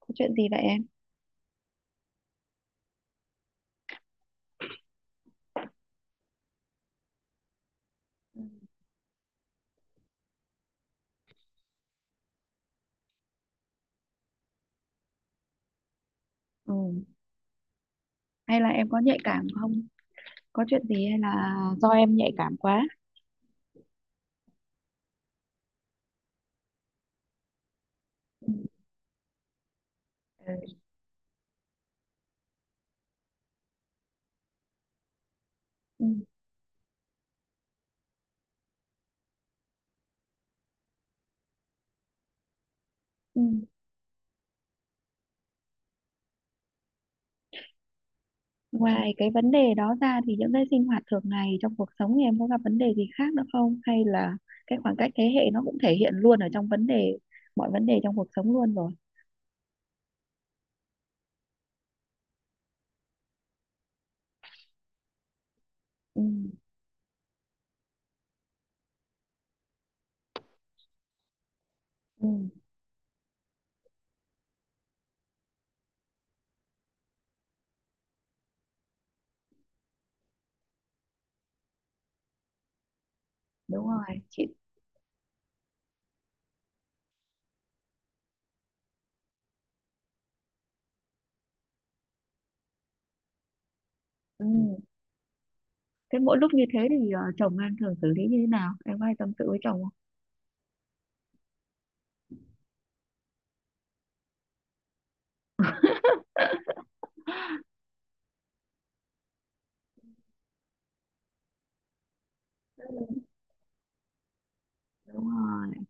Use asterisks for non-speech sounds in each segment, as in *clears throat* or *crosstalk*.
Có chuyện gì vậy em? Ừ. Ừ. Hay là em có nhạy cảm không? Có chuyện gì hay là do em nhạy cảm quá? Ừ. Ừ. Ừ. Ừ. Ngoài cái vấn đề đó ra thì những cái sinh hoạt thường ngày trong cuộc sống thì em có gặp vấn đề gì khác nữa không? Hay là cái khoảng cách thế hệ nó cũng thể hiện luôn ở trong vấn đề mọi vấn đề trong cuộc sống luôn rồi. Ừ. Ừ. Đúng rồi. Chị. Ừ. Thế mỗi lúc như thế thì chồng em thường xử lý như thế nào? Em có hay tâm sự với chồng không? Đúng rồi.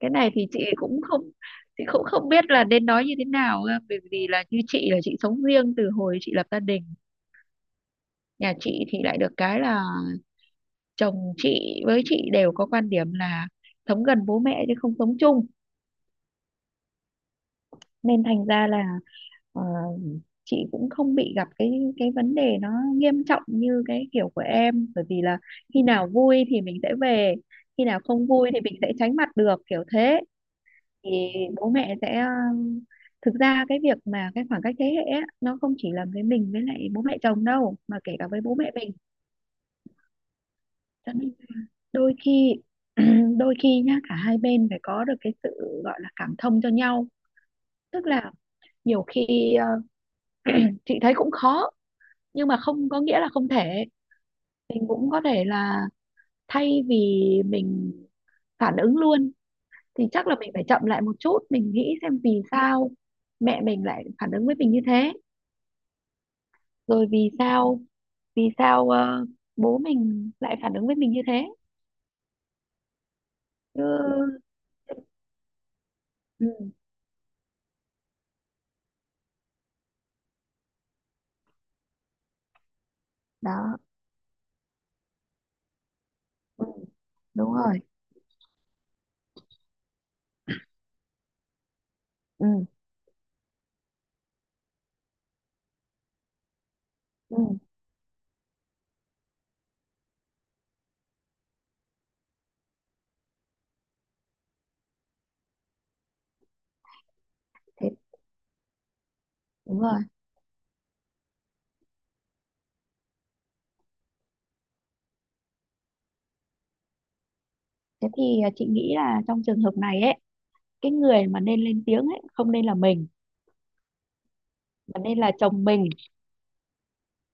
Cái này thì chị cũng không biết là nên nói như thế nào cơ, bởi vì là như chị là chị sống riêng từ hồi chị lập gia đình. Nhà chị thì lại được cái là chồng chị với chị đều có quan điểm là sống gần bố mẹ chứ không sống chung, nên thành ra là ờ, chị cũng không bị gặp cái vấn đề nó nghiêm trọng như cái kiểu của em, bởi vì là khi nào vui thì mình sẽ về, khi nào không vui thì mình sẽ tránh mặt được, kiểu thế. Thì bố mẹ sẽ ờ, Thực ra cái việc mà cái khoảng cách thế hệ á, nó không chỉ là với mình với lại bố mẹ chồng đâu mà kể cả với bố mẹ mình, cho nên đôi khi *clears throat* đôi khi nhá cả hai bên phải có được cái sự gọi là cảm thông cho nhau. Tức là nhiều khi chị thấy cũng khó, nhưng mà không có nghĩa là không thể. Mình cũng có thể là, thay vì mình phản ứng luôn, thì chắc là mình phải chậm lại một chút, mình nghĩ xem vì sao mẹ mình lại phản ứng với mình như thế, rồi vì sao, vì sao ờ, bố mình lại phản ứng với mình như thế. Chứ. Ừ. Đó. Ừ. Đúng rồi. Ừ. Ừ. Thế. Đúng rồi. Thế thì chị nghĩ là trong trường hợp này ấy, cái người mà nên lên tiếng ấy không nên là mình mà nên là chồng mình.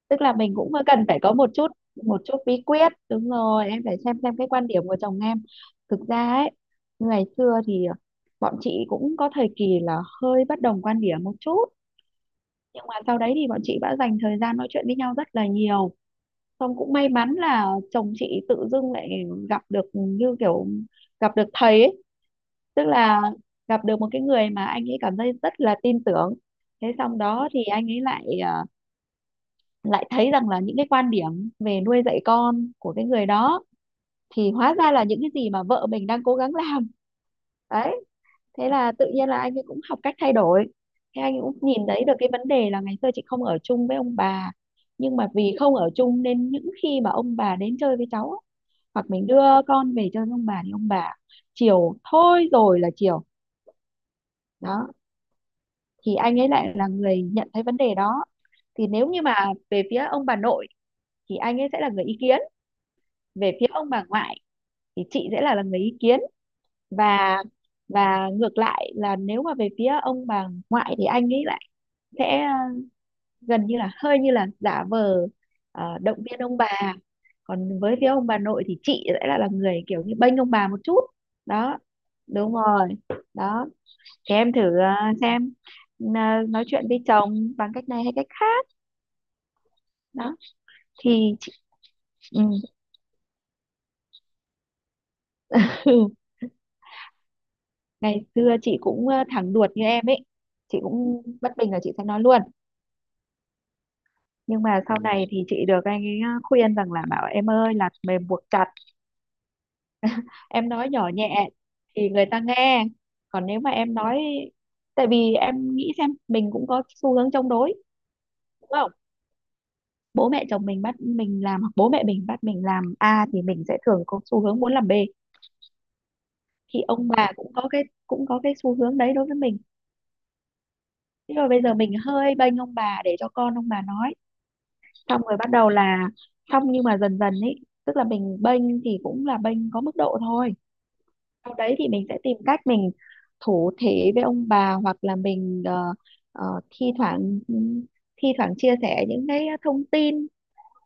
Tức là mình cũng cần phải có một chút, một chút bí quyết. Đúng rồi, em phải xem cái quan điểm của chồng em. Thực ra ấy, ngày xưa thì bọn chị cũng có thời kỳ là hơi bất đồng quan điểm một chút, nhưng mà sau đấy thì bọn chị đã dành thời gian nói chuyện với nhau rất là nhiều. Xong cũng may mắn là chồng chị tự dưng lại gặp được, như kiểu gặp được thầy ấy. Tức là gặp được một cái người mà anh ấy cảm thấy rất là tin tưởng. Thế xong đó thì anh ấy lại thấy rằng là những cái quan điểm về nuôi dạy con của cái người đó thì hóa ra là những cái gì mà vợ mình đang cố gắng làm. Đấy, thế là tự nhiên là anh ấy cũng học cách thay đổi. Thế anh ấy cũng nhìn thấy được cái vấn đề là, ngày xưa chị không ở chung với ông bà, nhưng mà vì không ở chung nên những khi mà ông bà đến chơi với cháu á, hoặc mình đưa con về chơi với ông bà, thì ông bà chiều thôi rồi là chiều. Đó thì anh ấy lại là người nhận thấy vấn đề đó. Thì nếu như mà về phía ông bà nội thì anh ấy sẽ là người ý kiến, về phía ông bà ngoại thì chị sẽ là người ý kiến. Và và ngược lại là, nếu mà về phía ông bà ngoại thì anh ấy lại sẽ gần như là hơi như là giả vờ động viên ông bà, còn với phía ông bà nội thì chị sẽ là người kiểu như bênh ông bà một chút. Đó. Đúng rồi. Đó thì em thử xem, ờ, nói chuyện với chồng bằng cách này hay cách khác. Đó thì chị, ừ. *laughs* Ngày xưa chị cũng thẳng đuột như em ấy, chị cũng bất bình là chị sẽ nói luôn, nhưng mà sau này thì chị được anh ấy khuyên rằng là, bảo em ơi là mềm buộc chặt, em nói nhỏ nhẹ thì người ta nghe. Còn nếu mà em nói Tại vì em nghĩ xem, mình cũng có xu hướng chống đối đúng không? Bố mẹ chồng mình bắt mình làm hoặc bố mẹ mình bắt mình làm A, thì mình sẽ thường có xu hướng muốn làm B. Thì ông bà cũng có cái xu hướng đấy đối với mình. Nhưng rồi bây giờ mình hơi bênh ông bà để cho con ông bà nói, xong rồi bắt đầu là, xong nhưng mà dần dần ấy, tức là mình bênh thì cũng là bênh có mức độ thôi. Sau đấy thì mình sẽ tìm cách mình thổ thể với ông bà, hoặc là mình ờ, ờ, thi thoảng ừ, thi thoảng chia sẻ những cái thông tin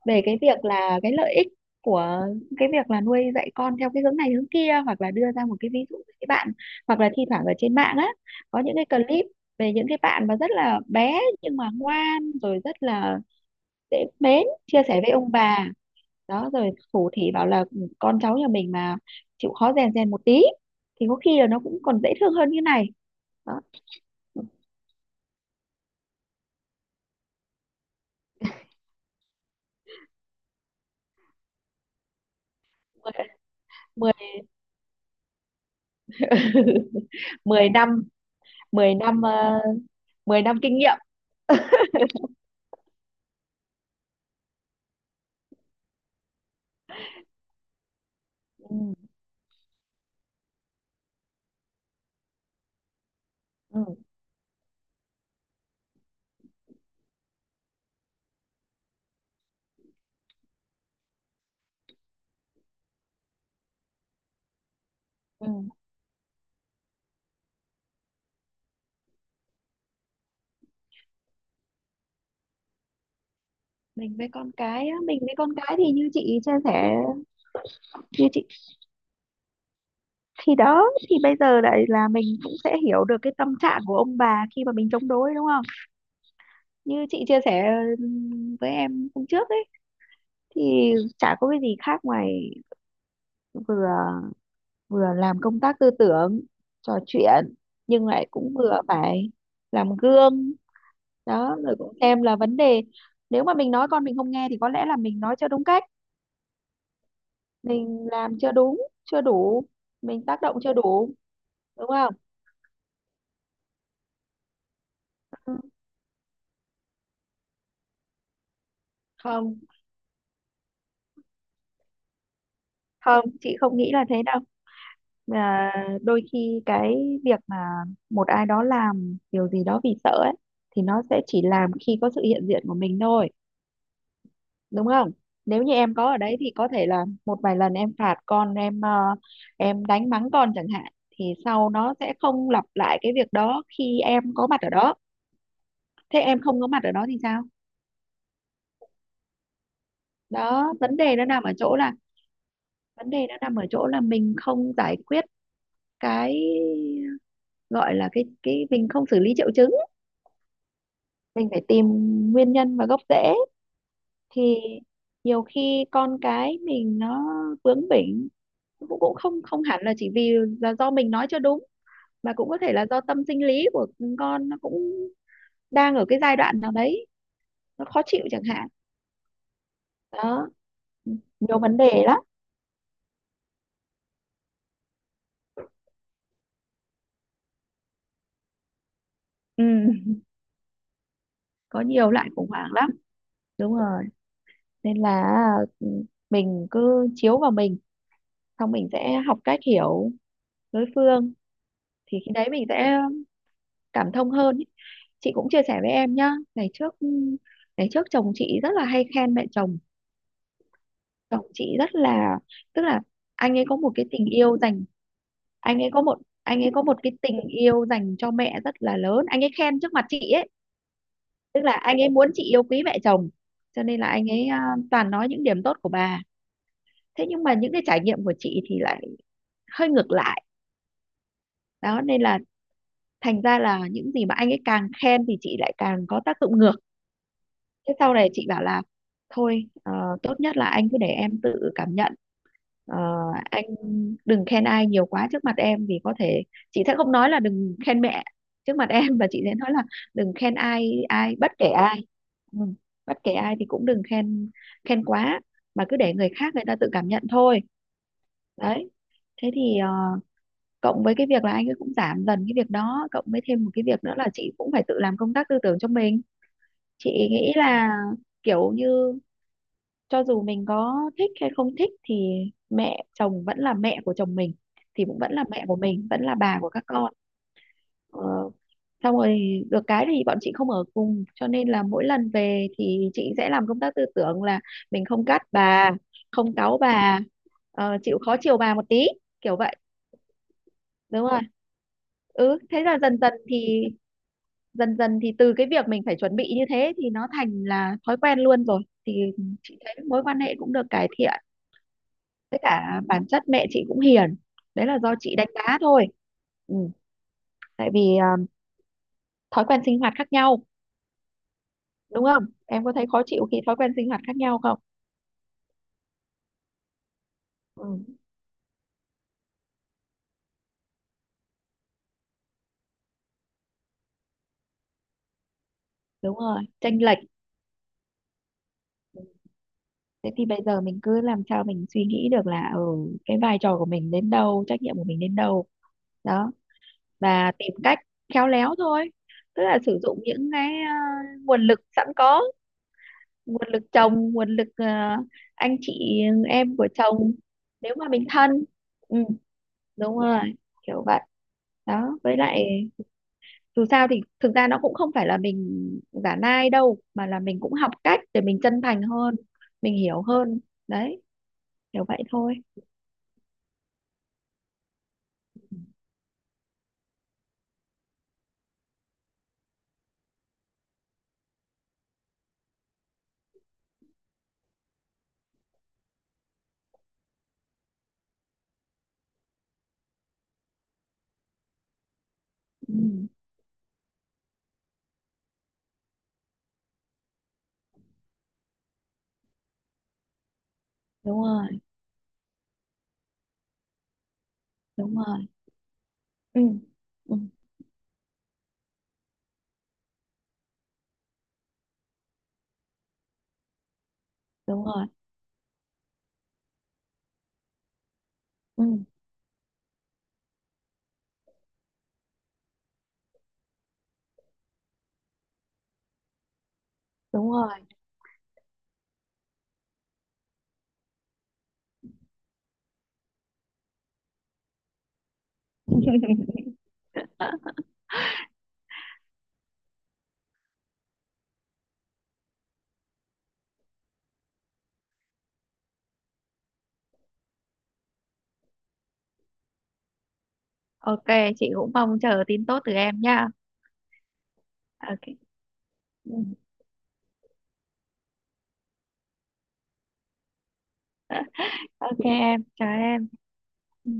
về cái việc là cái lợi ích của cái việc là nuôi dạy con theo cái hướng này hướng kia, hoặc là đưa ra một cái ví dụ với các bạn, hoặc là thi thoảng ở trên mạng á có những cái clip về những cái bạn mà rất là bé nhưng mà ngoan, rồi rất là dễ mến, chia sẻ với ông bà. Đó rồi thủ thì bảo là: "Ừ, con cháu nhà mình mà chịu khó rèn rèn một tí thì có khi là nó cũng còn dễ thương hơn như này." Đó, mười *laughs* mười mười năm mười năm ờ, 10 năm kinh nghiệm. Ừ. Ừ. Ừ. Mình với con cái á, mình với con cái thì như chị chia sẻ, như chị thì đó, thì bây giờ lại là mình cũng sẽ hiểu được cái tâm trạng của ông bà khi mà mình chống đối đúng không? Như chị chia sẻ với em hôm trước ấy, thì chả có cái gì khác ngoài vừa vừa làm công tác tư tưởng, trò chuyện, nhưng lại cũng vừa phải làm gương. Đó rồi cũng xem là vấn đề, nếu mà mình nói con mình không nghe thì có lẽ là mình nói chưa đúng cách, mình làm chưa đúng, chưa đủ, mình tác động chưa đủ, đúng không? Không, không, chị không nghĩ là thế đâu, mà đôi khi cái việc mà một ai đó làm điều gì đó vì sợ ấy thì nó sẽ chỉ làm khi có sự hiện diện của mình thôi, đúng không? Nếu như em có ở đấy thì có thể là một vài lần em phạt con, em em đánh mắng con chẳng hạn, thì sau nó sẽ không lặp lại cái việc đó khi em có mặt ở đó. Thế em không có mặt ở đó thì sao? Đó, vấn đề nó nằm ở chỗ là, vấn đề nó nằm ở chỗ là mình không giải quyết cái gọi là cái mình không xử lý triệu chứng, mình phải tìm nguyên nhân và gốc rễ. Thì nhiều khi con cái mình nó bướng bỉnh cũng cũng không không hẳn là chỉ vì là do mình nói chưa đúng, mà cũng có thể là do tâm sinh lý của con nó cũng đang ở cái giai đoạn nào đấy nó khó chịu chẳng hạn. Đó, nhiều vấn đề lắm. Ừ, có nhiều loại khủng hoảng lắm. Đúng rồi, nên là, ừ, mình cứ chiếu vào mình, xong mình sẽ học cách hiểu đối phương, thì khi đấy mình sẽ cảm thông hơn ý. Chị cũng chia sẻ với em nhá, ngày trước, ngày trước chồng chị rất là hay khen mẹ chồng. Chồng chị rất là, tức là anh ấy có một cái tình yêu dành, anh ấy có một anh ấy có một cái tình yêu dành cho mẹ rất là lớn, anh ấy khen trước mặt chị ấy. Tức là anh ấy muốn chị yêu quý mẹ chồng, cho nên là anh ấy toàn nói những điểm tốt của bà. Thế nhưng mà những cái trải nghiệm của chị thì lại hơi ngược lại, đó, nên là thành ra là những gì mà anh ấy càng khen thì chị lại càng có tác dụng ngược. Thế sau này chị bảo là thôi, tốt nhất là anh cứ để em tự cảm nhận. Ờ, anh đừng khen ai nhiều quá trước mặt em, vì có thể chị sẽ không nói là đừng khen mẹ trước mặt em, và chị sẽ nói là đừng khen ai, ai bất kể ai. Ừ, bất kể ai thì cũng đừng khen khen quá, mà cứ để người khác người ta tự cảm nhận thôi. Đấy, thế thì cộng với cái việc là anh ấy cũng giảm dần cái việc đó, cộng với thêm một cái việc nữa là chị cũng phải tự làm công tác tư tưởng cho mình. Chị nghĩ là, kiểu như, cho dù mình có thích hay không thích thì mẹ chồng vẫn là mẹ của chồng mình, thì cũng vẫn là mẹ của mình, vẫn là bà của các con. ờ, Xong rồi được cái thì bọn chị không ở cùng, cho nên là mỗi lần về thì chị sẽ làm công tác tư tưởng là, mình không gắt bà, không cáu bà, chịu khó chiều bà một tí, kiểu vậy. Đúng rồi. Ừ, thế là dần dần thì từ cái việc mình phải chuẩn bị như thế thì nó thành là thói quen luôn rồi, thì chị thấy mối quan hệ cũng được cải thiện. Với cả bản chất mẹ chị cũng hiền, đấy là do chị đánh đá thôi. Ừ. Tại vì thói quen sinh hoạt khác nhau, đúng không, em có thấy khó chịu khi thói quen sinh hoạt khác nhau không? Ừ. Đúng rồi, chênh lệch. Ừ. Thế thì bây giờ mình cứ làm sao mình suy nghĩ được là, cái vai trò của mình đến đâu, trách nhiệm của mình đến đâu. Đó, và tìm cách khéo léo thôi, tức là sử dụng những cái nguồn lực sẵn có, nguồn lực chồng, nguồn lực anh chị em của chồng, nếu mà mình thân. Ừ, đúng rồi, kiểu vậy. Đó, với lại dù sao thì thực ra nó cũng không phải là mình giả nai đâu, mà là mình cũng học cách để mình chân thành hơn, mình hiểu hơn. Đấy, kiểu vậy thôi. Ừ, đúng rồi. Đúng rồi. Ừ. Ừ. Đúng rồi. Ừ, đúng rồi. *laughs* OK, chị cũng mong chờ tin tốt từ em nha. OK. Ừ. OK em, chào em. Ừ.